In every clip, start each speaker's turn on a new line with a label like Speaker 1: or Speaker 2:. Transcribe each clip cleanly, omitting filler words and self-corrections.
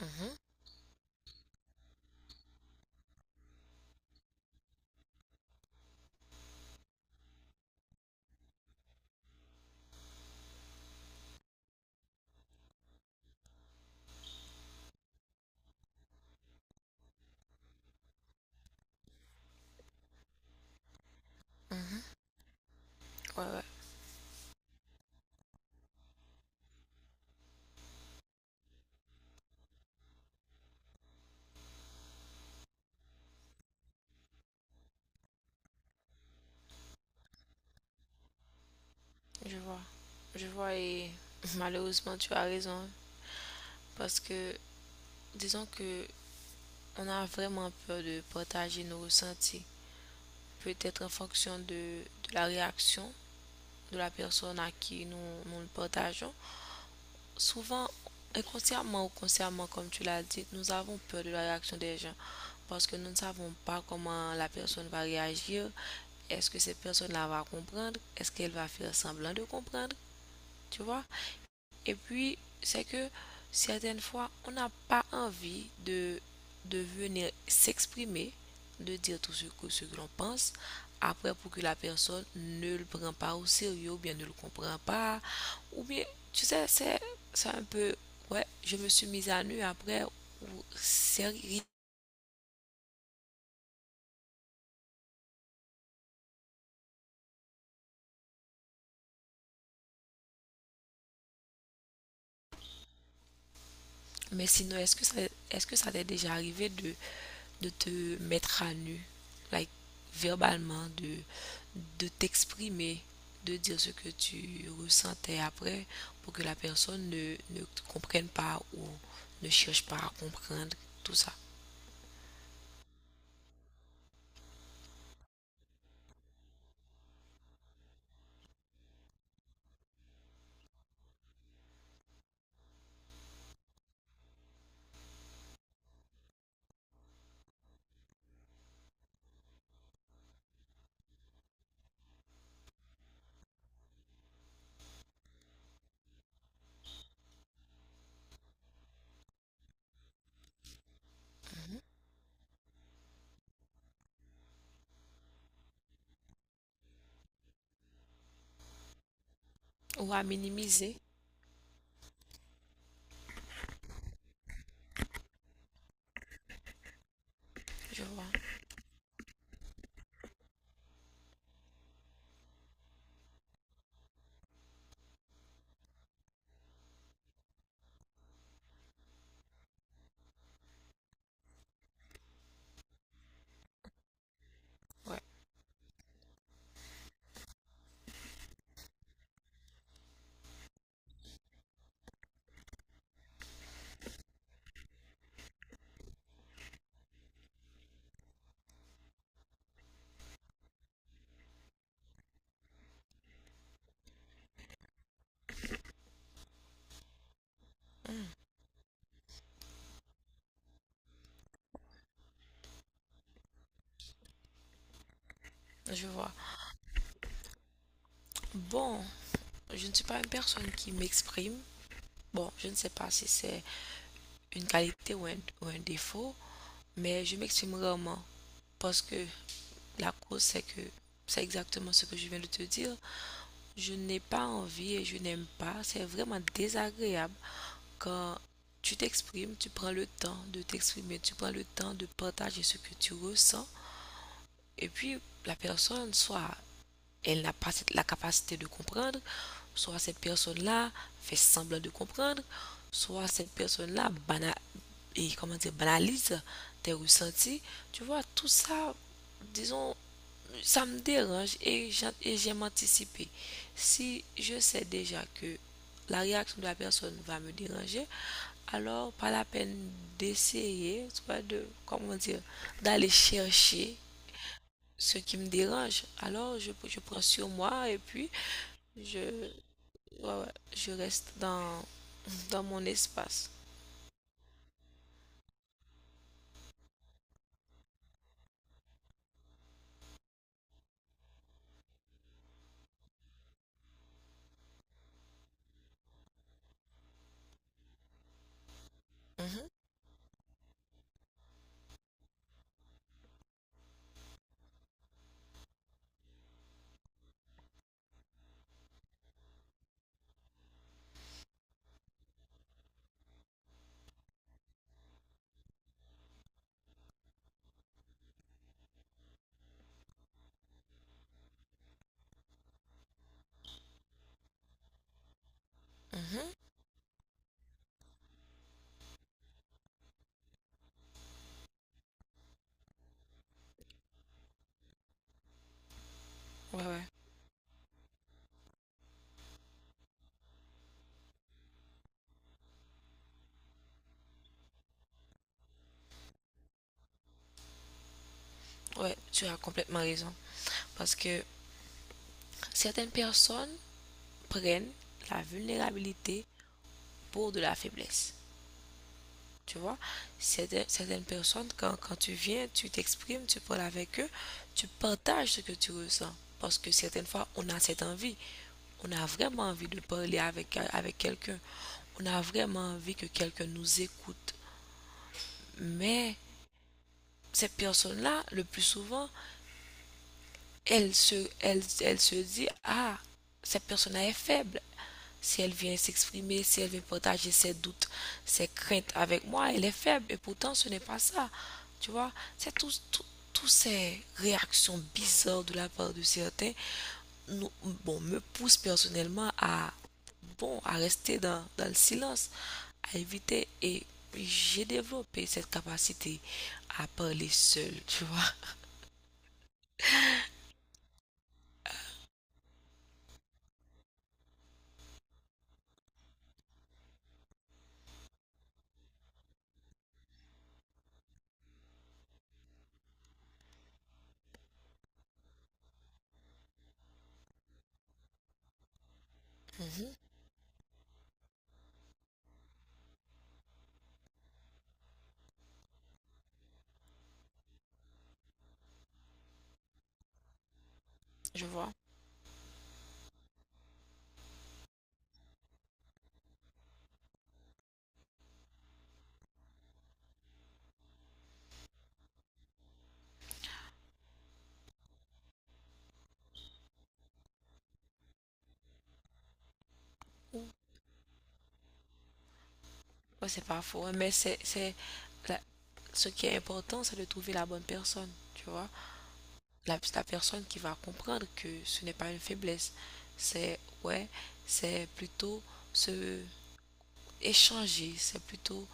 Speaker 1: Mhm, mhm. Ouais, ouais, je vois. Je vois et malheureusement tu as raison, hein. Parce que disons que on a vraiment peur de partager nos ressentis. Peut-être en fonction de la réaction de la personne à qui nous le partageons. Souvent, inconsciemment ou consciemment, comme tu l'as dit, nous avons peur de la réaction des gens. Parce que nous ne savons pas comment la personne va réagir. Est-ce que cette personne-là va comprendre? Est-ce qu'elle va faire semblant de comprendre? Tu vois? Et puis, c'est que certaines fois, on n'a pas envie de venir s'exprimer, de dire tout ce que l'on pense, après pour que la personne ne le prenne pas au sérieux, ou bien ne le comprend pas, ou bien, tu sais, c'est un peu, ouais, je me suis mise à nu après, c'est. Mais sinon, est-ce que ça t'est déjà arrivé de te mettre à nu, like, verbalement, de t'exprimer, de dire ce que tu ressentais après pour que la personne ne comprenne pas ou ne cherche pas à comprendre tout ça? Mhm. Ou à minimiser. Je vois, ouais, je vois. Bon, je ne suis pas une personne qui m'exprime. Bon, je ne sais pas si c'est une qualité ou un défaut, mais je m'exprime rarement parce que la cause, c'est que c'est exactement ce que je viens de te dire. Je n'ai pas envie et je n'aime pas. C'est vraiment désagréable quand tu t'exprimes, tu prends le temps de t'exprimer, tu prends le temps de partager ce que tu ressens. Et puis, la personne, soit elle n'a pas la capacité de comprendre, soit cette personne-là fait semblant de comprendre, soit cette personne-là banalise tes ressentis. Tu vois, tout ça, disons, ça me dérange et j'aime anticiper. Si je sais déjà que la réaction de la personne va me déranger, alors pas la peine d'essayer, tu vois, de, comment dire, d'aller chercher ce qui me dérange. Alors je prends sur moi et puis je, ouais, ouais, je reste dans, dans mon espace. Mhm, mhm, ouais, ouais, ouais, tu as complètement raison. Parce que certaines personnes prennent la vulnérabilité pour de la faiblesse. Tu vois, certaines personnes, quand tu viens, tu t'exprimes, tu parles avec eux, tu partages ce que tu ressens. Parce que certaines fois, on a cette envie. On a vraiment envie de parler avec quelqu'un. On a vraiment envie que quelqu'un nous écoute. Mais ces personnes-là, le plus souvent, elle se dit, ah, cette personne est faible. Si elle vient s'exprimer, si elle vient partager ses doutes, ses craintes avec moi, elle est faible. Et pourtant, ce n'est pas ça. Tu vois, c'est tout, tout- toutes ces réactions bizarres de la part de certains nous, bon, me poussent personnellement à, bon, à rester dans le silence, à éviter. Et j'ai développé cette capacité à parler seule, tu vois. Mhm, je vois. Ouais, c'est pas faux, hein, mais la- ce qui est important, c'est de trouver la bonne personne, tu vois. La personne qui va comprendre que ce n'est pas une faiblesse. C'est, ouais, c'est plutôt se échanger, c'est plutôt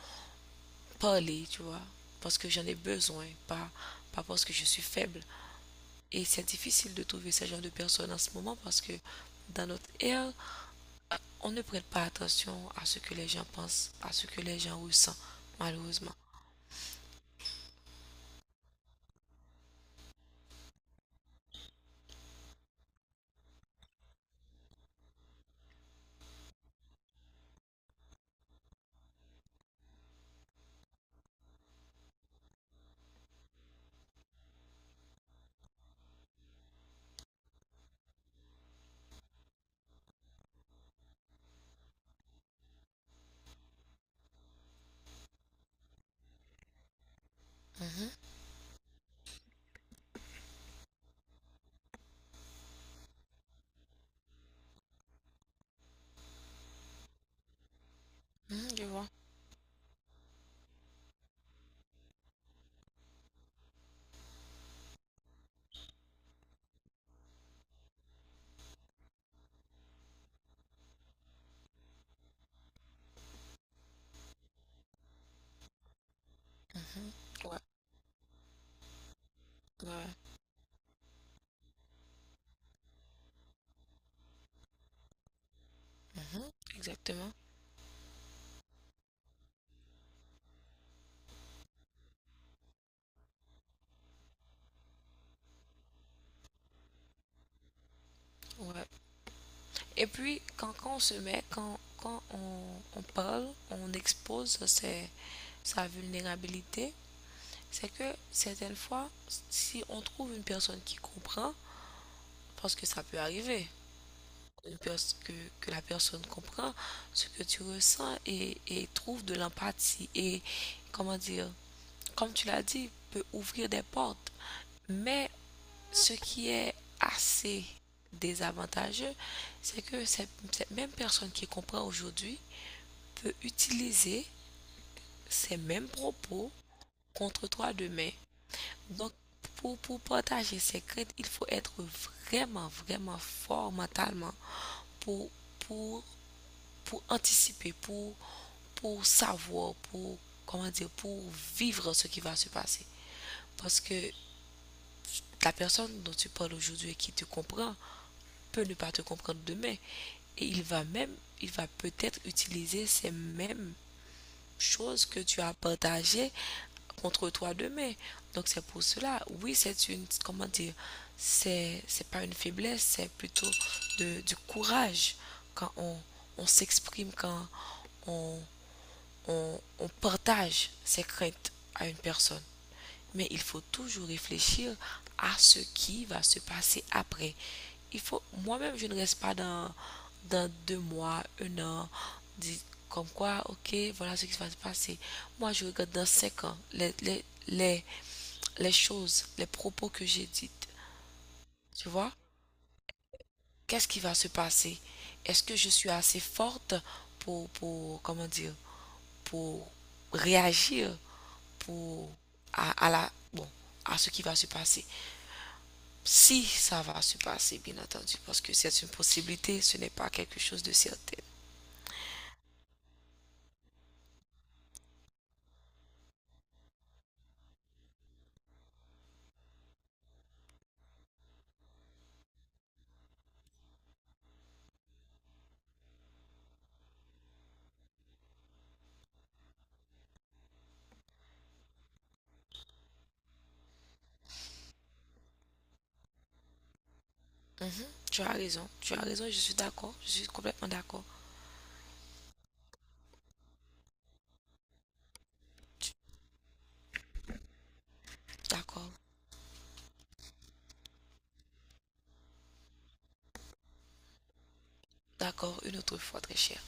Speaker 1: parler, tu vois, parce que j'en ai besoin, pas parce que je suis faible. Et c'est difficile de trouver ce genre de personnes en ce moment parce que dans notre ère, on ne prête pas attention à ce que les gens pensent, à ce que les gens ressentent, malheureusement. Mhm, mhm, je vois. Mmh. Ouais, ouais. Mhm. Exactement. Ouais. Et puis, quand, quand on se met, quand, quand on parle, sa vulnérabilité, c'est que certaines fois, si on trouve une personne qui comprend, parce que ça peut arriver, une pers- que, que la personne comprend ce que tu ressens et trouve de l'empathie et, comment dire, comme tu l'as dit, peut ouvrir des portes. Mais ce qui est assez désavantageux, c'est que cette même personne qui comprend aujourd'hui peut utiliser ces mêmes propos contre toi demain. Donc, pour partager ses craintes, il faut être vraiment, vraiment fort mentalement pour, pour, pour anticiper, pour savoir, pour, comment dire, pour vivre ce qui va se passer. Parce que la personne dont tu parles aujourd'hui et qui te comprend peut ne pas te comprendre demain. Et il va même, il va peut-être utiliser ces mêmes choses que tu as partagées contre toi demain. Donc c'est pour cela, oui, c'est une, comment dire, c'est pas une faiblesse, c'est plutôt de, du courage quand on s'exprime, quand on, on partage ses craintes à une personne. Mais il faut toujours réfléchir à ce qui va se passer après. Il faut, moi-même, je ne reste pas dans, dans 2 mois, 1 an, dit comme quoi, ok, voilà ce qui va se passer. Moi, je regarde dans 5 ans les choses, les propos que j'ai dites. Tu vois? Qu'est-ce qui va se passer? Est-ce que je suis assez forte pour, comment dire, pour réagir pour, à la, bon, à ce qui va se passer? Si ça va se passer, bien entendu, parce que c'est une possibilité, ce n'est pas quelque chose de certain. Tu as raison, je suis d'accord, je suis complètement d'accord. D'accord, d'accord, une autre fois, très cher.